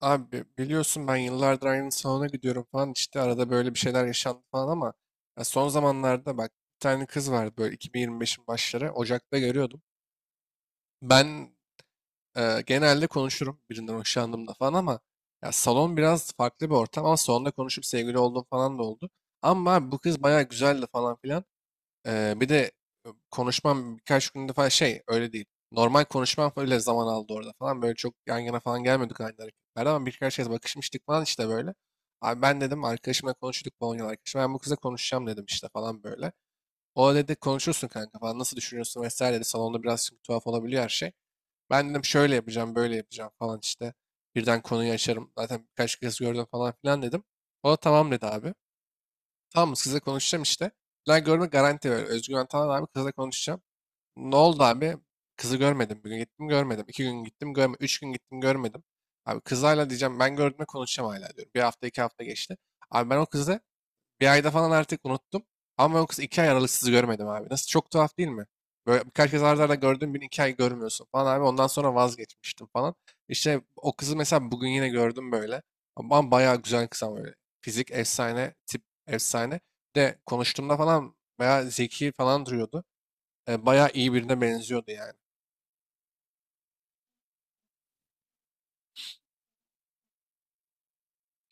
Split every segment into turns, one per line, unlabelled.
Abi biliyorsun ben yıllardır aynı salona gidiyorum falan işte arada böyle bir şeyler yaşandı falan ama ya son zamanlarda bak bir tane kız vardı böyle 2025'in başları Ocak'ta görüyordum. Ben genelde konuşurum birinden hoşlandığımda falan ama ya salon biraz farklı bir ortam ama salonda konuşup sevgili olduğum falan da oldu. Ama abi bu kız bayağı güzeldi falan filan. Bir de konuşmam birkaç günde falan şey öyle değil. Normal konuşmam öyle zaman aldı orada falan. Böyle çok yan yana falan gelmedik aynı hareketlerde ama birkaç kez bakışmıştık falan işte böyle. Abi ben dedim arkadaşımla konuştuk, Polonyalı arkadaşım. Ben bu kıza konuşacağım dedim işte falan böyle. O da dedi konuşursun kanka falan, nasıl düşünüyorsun vesaire dedi. Salonda biraz çünkü tuhaf olabiliyor her şey. Ben dedim şöyle yapacağım böyle yapacağım falan işte. Birden konuyu açarım. Zaten birkaç kez gördüm falan filan dedim. O da tamam dedi abi. Tamam mı? Sizle konuşacağım işte. Lan görme garanti ver. Özgüven Antalan abi kızla konuşacağım. Ne oldu abi? Kızı görmedim. Bir gün gittim görmedim. İki gün gittim görmedim. Üç gün gittim görmedim. Abi kızlarla diyeceğim ben gördüğümde konuşacağım hala diyorum. Bir hafta 2 hafta geçti. Abi ben o kızı bir ayda falan artık unuttum. Ama yoksa 2 ay aralıksız görmedim abi. Nasıl çok tuhaf değil mi? Böyle birkaç kez arda arda gördüğüm bir iki ay görmüyorsun falan abi. Ondan sonra vazgeçmiştim falan. İşte o kızı mesela bugün yine gördüm böyle. Ama bayağı güzel kız ama böyle. Fizik efsane, tip efsane. Bir de konuştuğumda falan bayağı zeki falan duruyordu. Bayağı iyi birine benziyordu yani.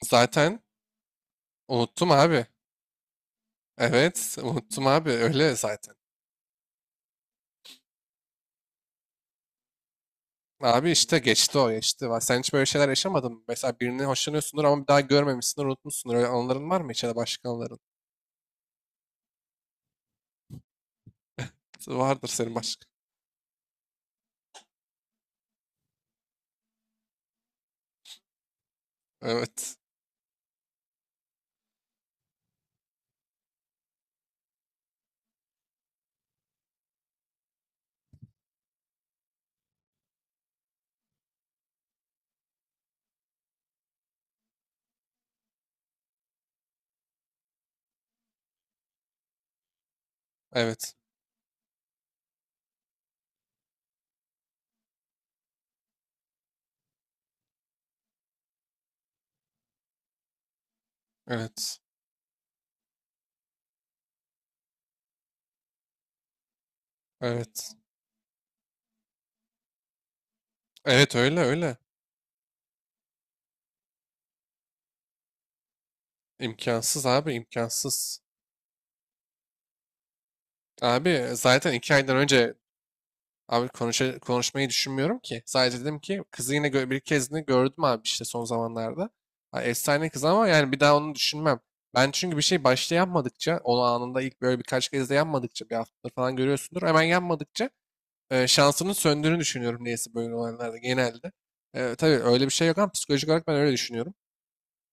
Zaten unuttum abi. Evet, unuttum abi. Öyle zaten. Abi işte geçti o geçti. Sen hiç böyle şeyler yaşamadın mı? Mesela birini hoşlanıyorsundur ama bir daha görmemişsindir, unutmuşsundur. Öyle anıların var mı hiç, ya da başka anıların? Vardır senin başka. Evet. Evet. Evet. Evet. Evet öyle öyle. İmkansız abi, imkansız. Abi zaten iki aydan önce abi konuşmayı düşünmüyorum ki. Sadece dedim ki kızı yine bir kez de gördüm abi işte son zamanlarda. Ha, efsane kız ama yani bir daha onu düşünmem. Ben çünkü bir şey başta yapmadıkça, onu anında ilk böyle birkaç kez de yapmadıkça, bir hafta falan görüyorsundur. Hemen yapmadıkça, şansının söndüğünü düşünüyorum, neyse böyle olaylarda genelde. E, tabii öyle bir şey yok ama psikolojik olarak ben öyle düşünüyorum.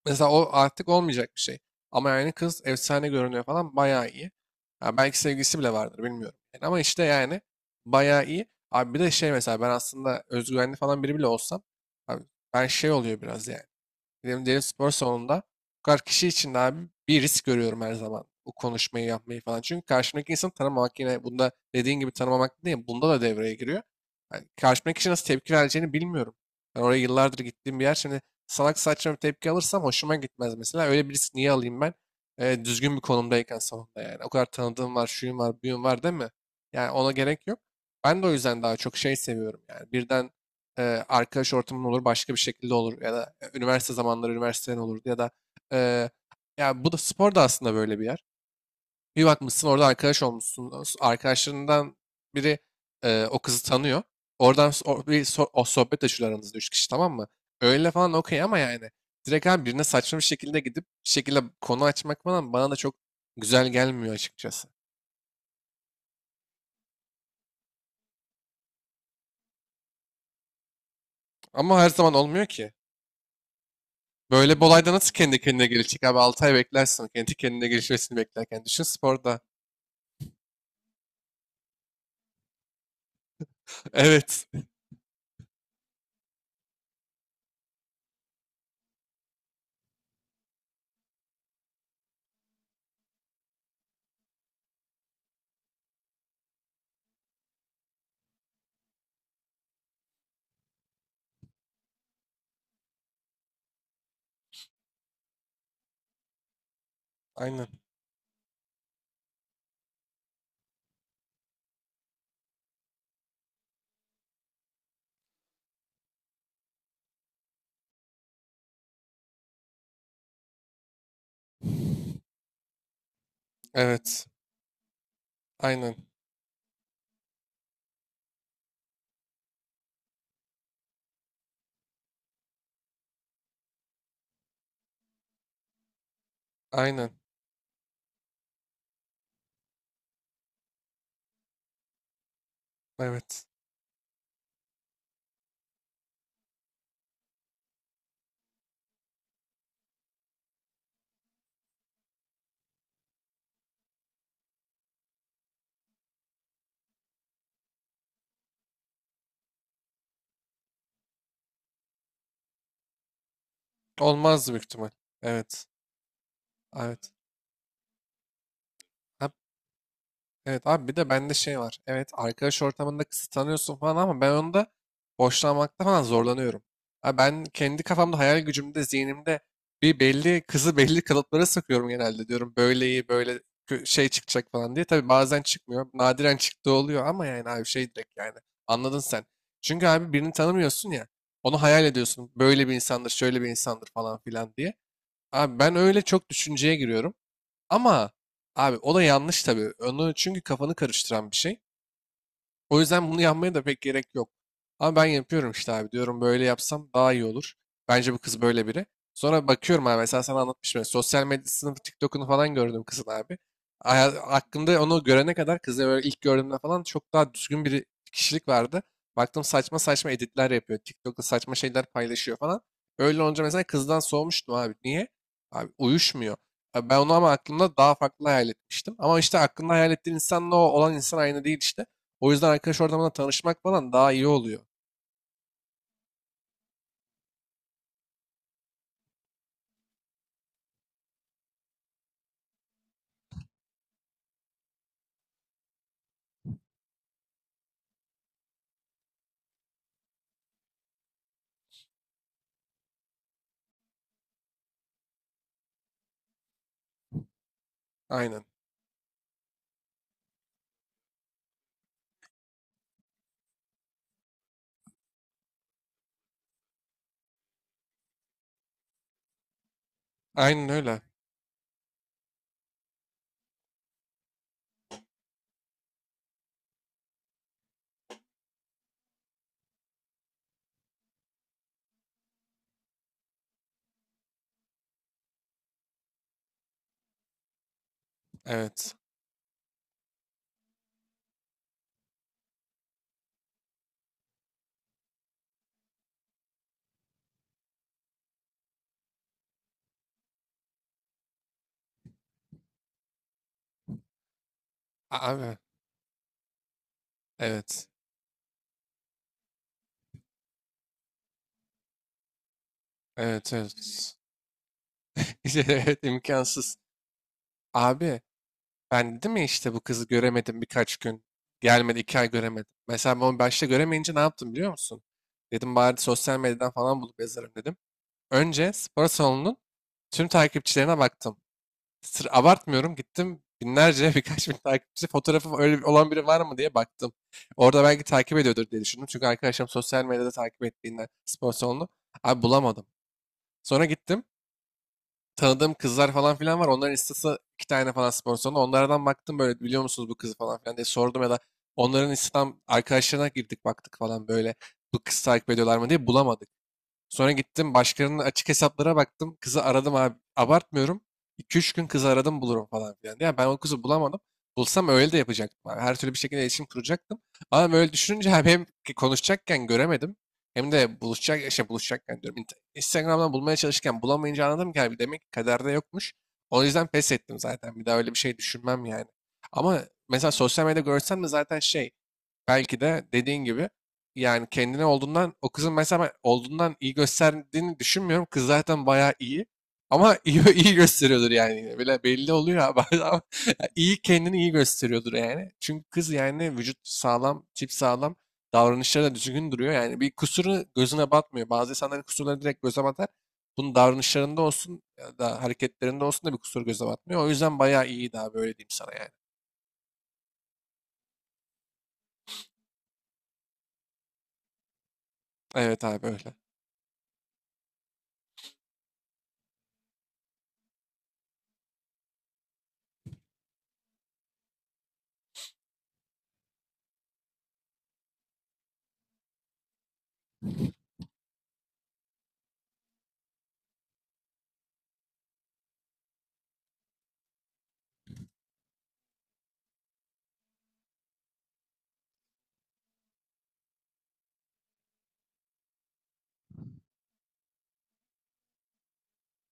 Mesela o artık olmayacak bir şey. Ama yani kız efsane görünüyor falan, bayağı iyi. Ha, belki sevgilisi bile vardır bilmiyorum. Yani ama işte yani bayağı iyi. Abi bir de şey mesela ben aslında özgüvenli falan biri bile olsam abi ben şey oluyor biraz yani. Benim derin spor salonunda bu kadar kişi için de abi bir risk görüyorum her zaman. Bu konuşmayı yapmayı falan. Çünkü karşımdaki insanı tanımamak yine bunda dediğin gibi tanımamak değil. Bunda da devreye giriyor. Yani karşımdaki kişi nasıl tepki vereceğini bilmiyorum. Ben oraya yıllardır gittiğim bir yer. Şimdi salak saçma bir tepki alırsam hoşuma gitmez mesela. Öyle bir risk niye alayım ben? Düzgün bir konumdayken salonda yani. O kadar tanıdığım var, şuyum var, buyum var değil mi? Yani ona gerek yok. Ben de o yüzden daha çok şey seviyorum yani. Birden e, arkadaş ortamın olur, başka bir şekilde olur ya da üniversite zamanları üniversiteden olur ya da e, ya bu da spor da aslında böyle bir yer. Bir bakmışsın orada arkadaş olmuşsun. Arkadaşlarından biri o kızı tanıyor. Oradan o sohbet açıyorlar, aranızda 3 kişi tamam mı? Öyle falan okey ama yani direkt abi birine saçma bir şekilde gidip bir şekilde konu açmak falan bana da çok güzel gelmiyor açıkçası. Ama her zaman olmuyor ki. Böyle bir olayda nasıl kendi kendine gelişecek abi? 6 ay beklersin. Kendi kendine gelişmesini beklerken. Düşün sporda. Evet. Aynen. Evet. Aynen. Aynen. Evet. Olmaz büyük ihtimal. Evet. Evet. Evet abi bir de bende şey var. Evet, arkadaş ortamında kısıtlanıyorsun falan ama ben onda hoşlanmakta falan zorlanıyorum. Abi ben kendi kafamda, hayal gücümde, zihnimde bir belli kızı belli kalıplara sıkıyorum genelde, diyorum böyle iyi böyle şey çıkacak falan diye. Tabii bazen çıkmıyor, nadiren çıktığı oluyor ama yani abi şey direkt yani anladın sen. Çünkü abi birini tanımıyorsun ya, onu hayal ediyorsun böyle bir insandır şöyle bir insandır falan filan diye. Abi ben öyle çok düşünceye giriyorum. Ama abi o da yanlış tabii. Onu çünkü kafanı karıştıran bir şey. O yüzden bunu yapmaya da pek gerek yok. Ama ben yapıyorum işte abi. Diyorum böyle yapsam daha iyi olur. Bence bu kız böyle biri. Sonra bakıyorum abi mesela sana anlatmıştım. Sosyal medyasını, TikTok'unu falan gördüm kızın abi. Aklımda onu görene kadar kızı böyle ilk gördüğümde falan çok daha düzgün bir kişilik vardı. Baktım saçma saçma editler yapıyor. TikTok'ta saçma şeyler paylaşıyor falan. Öyle olunca mesela kızdan soğumuştum abi. Niye? Abi uyuşmuyor. Abi ben onu ama aklımda daha farklı hayal etmiştim. Ama işte aklında hayal ettiğin insanla o olan insan aynı değil işte. O yüzden arkadaş ortamında tanışmak falan daha iyi oluyor. Aynen. Aynen öyle. Evet. Abi. Evet. Evet evet. İşte evet, imkansız. Abi ben dedim ya işte bu kızı göremedim birkaç gün. Gelmedi, 2 ay göremedim. Mesela ben onu başta göremeyince ne yaptım biliyor musun? Dedim bari sosyal medyadan falan bulup yazarım dedim. Önce spor salonunun tüm takipçilerine baktım. Sır abartmıyorum gittim binlerce birkaç bin takipçi fotoğrafı, öyle olan biri var mı diye baktım. Orada belki takip ediyordur diye düşündüm. Çünkü arkadaşım sosyal medyada takip ettiğinden spor salonunu. Abi bulamadım. Sonra gittim. Tanıdığım kızlar falan filan var. Onların istası 2 tane falan spor salonu. Onlardan baktım böyle biliyor musunuz bu kızı falan filan diye sordum, ya da onların Instagram arkadaşlarına girdik baktık falan böyle bu kız takip ediyorlar mı diye, bulamadık. Sonra gittim başkalarının açık hesaplara baktım. Kızı aradım abi. Abartmıyorum. İki üç gün kızı aradım bulurum falan filan. Ya ben o kızı bulamadım. Bulsam öyle de yapacaktım abi. Her türlü bir şekilde iletişim kuracaktım. Ama ben öyle düşününce abi hem ki konuşacakken göremedim. Hem de buluşacak, şey buluşacakken diyorum. Instagram'dan bulmaya çalışırken bulamayınca anladım ki abi, demek ki kaderde yokmuş. O yüzden pes ettim zaten. Bir daha öyle bir şey düşünmem yani. Ama mesela sosyal medyada görsen de zaten şey, belki de dediğin gibi yani kendine olduğundan o kızın mesela, ben olduğundan iyi gösterdiğini düşünmüyorum. Kız zaten bayağı iyi. Ama iyi, iyi gösteriyordur yani. Yine. Bile belli oluyor abi. Adam iyi, kendini iyi gösteriyordur yani. Çünkü kız yani vücut sağlam, tip sağlam. Davranışları da düzgün duruyor. Yani bir kusuru gözüne batmıyor. Bazı insanların kusurları direkt göze batar. Bunun davranışlarında olsun ya da hareketlerinde olsun da bir kusur göze batmıyor. O yüzden bayağı iyiydi abi, öyle diyeyim sana yani. Evet abi öyle.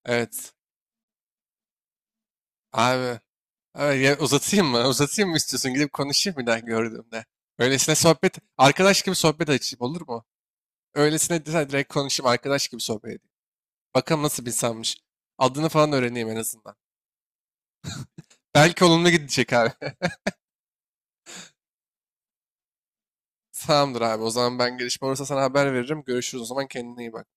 Evet. Abi ay, ya uzatayım mı? Uzatayım mı istiyorsun? Gidip konuşayım bir daha gördüğümde. Öylesine sohbet, arkadaş gibi sohbet açayım olur mu? Öylesine direkt konuşayım, arkadaş gibi sohbet edeyim. Bakalım nasıl bir insanmış. Adını falan öğreneyim en azından. Belki olumlu gidecek abi. Tamamdır abi. O zaman ben gelişme olursa sana haber veririm. Görüşürüz o zaman, kendine iyi bak.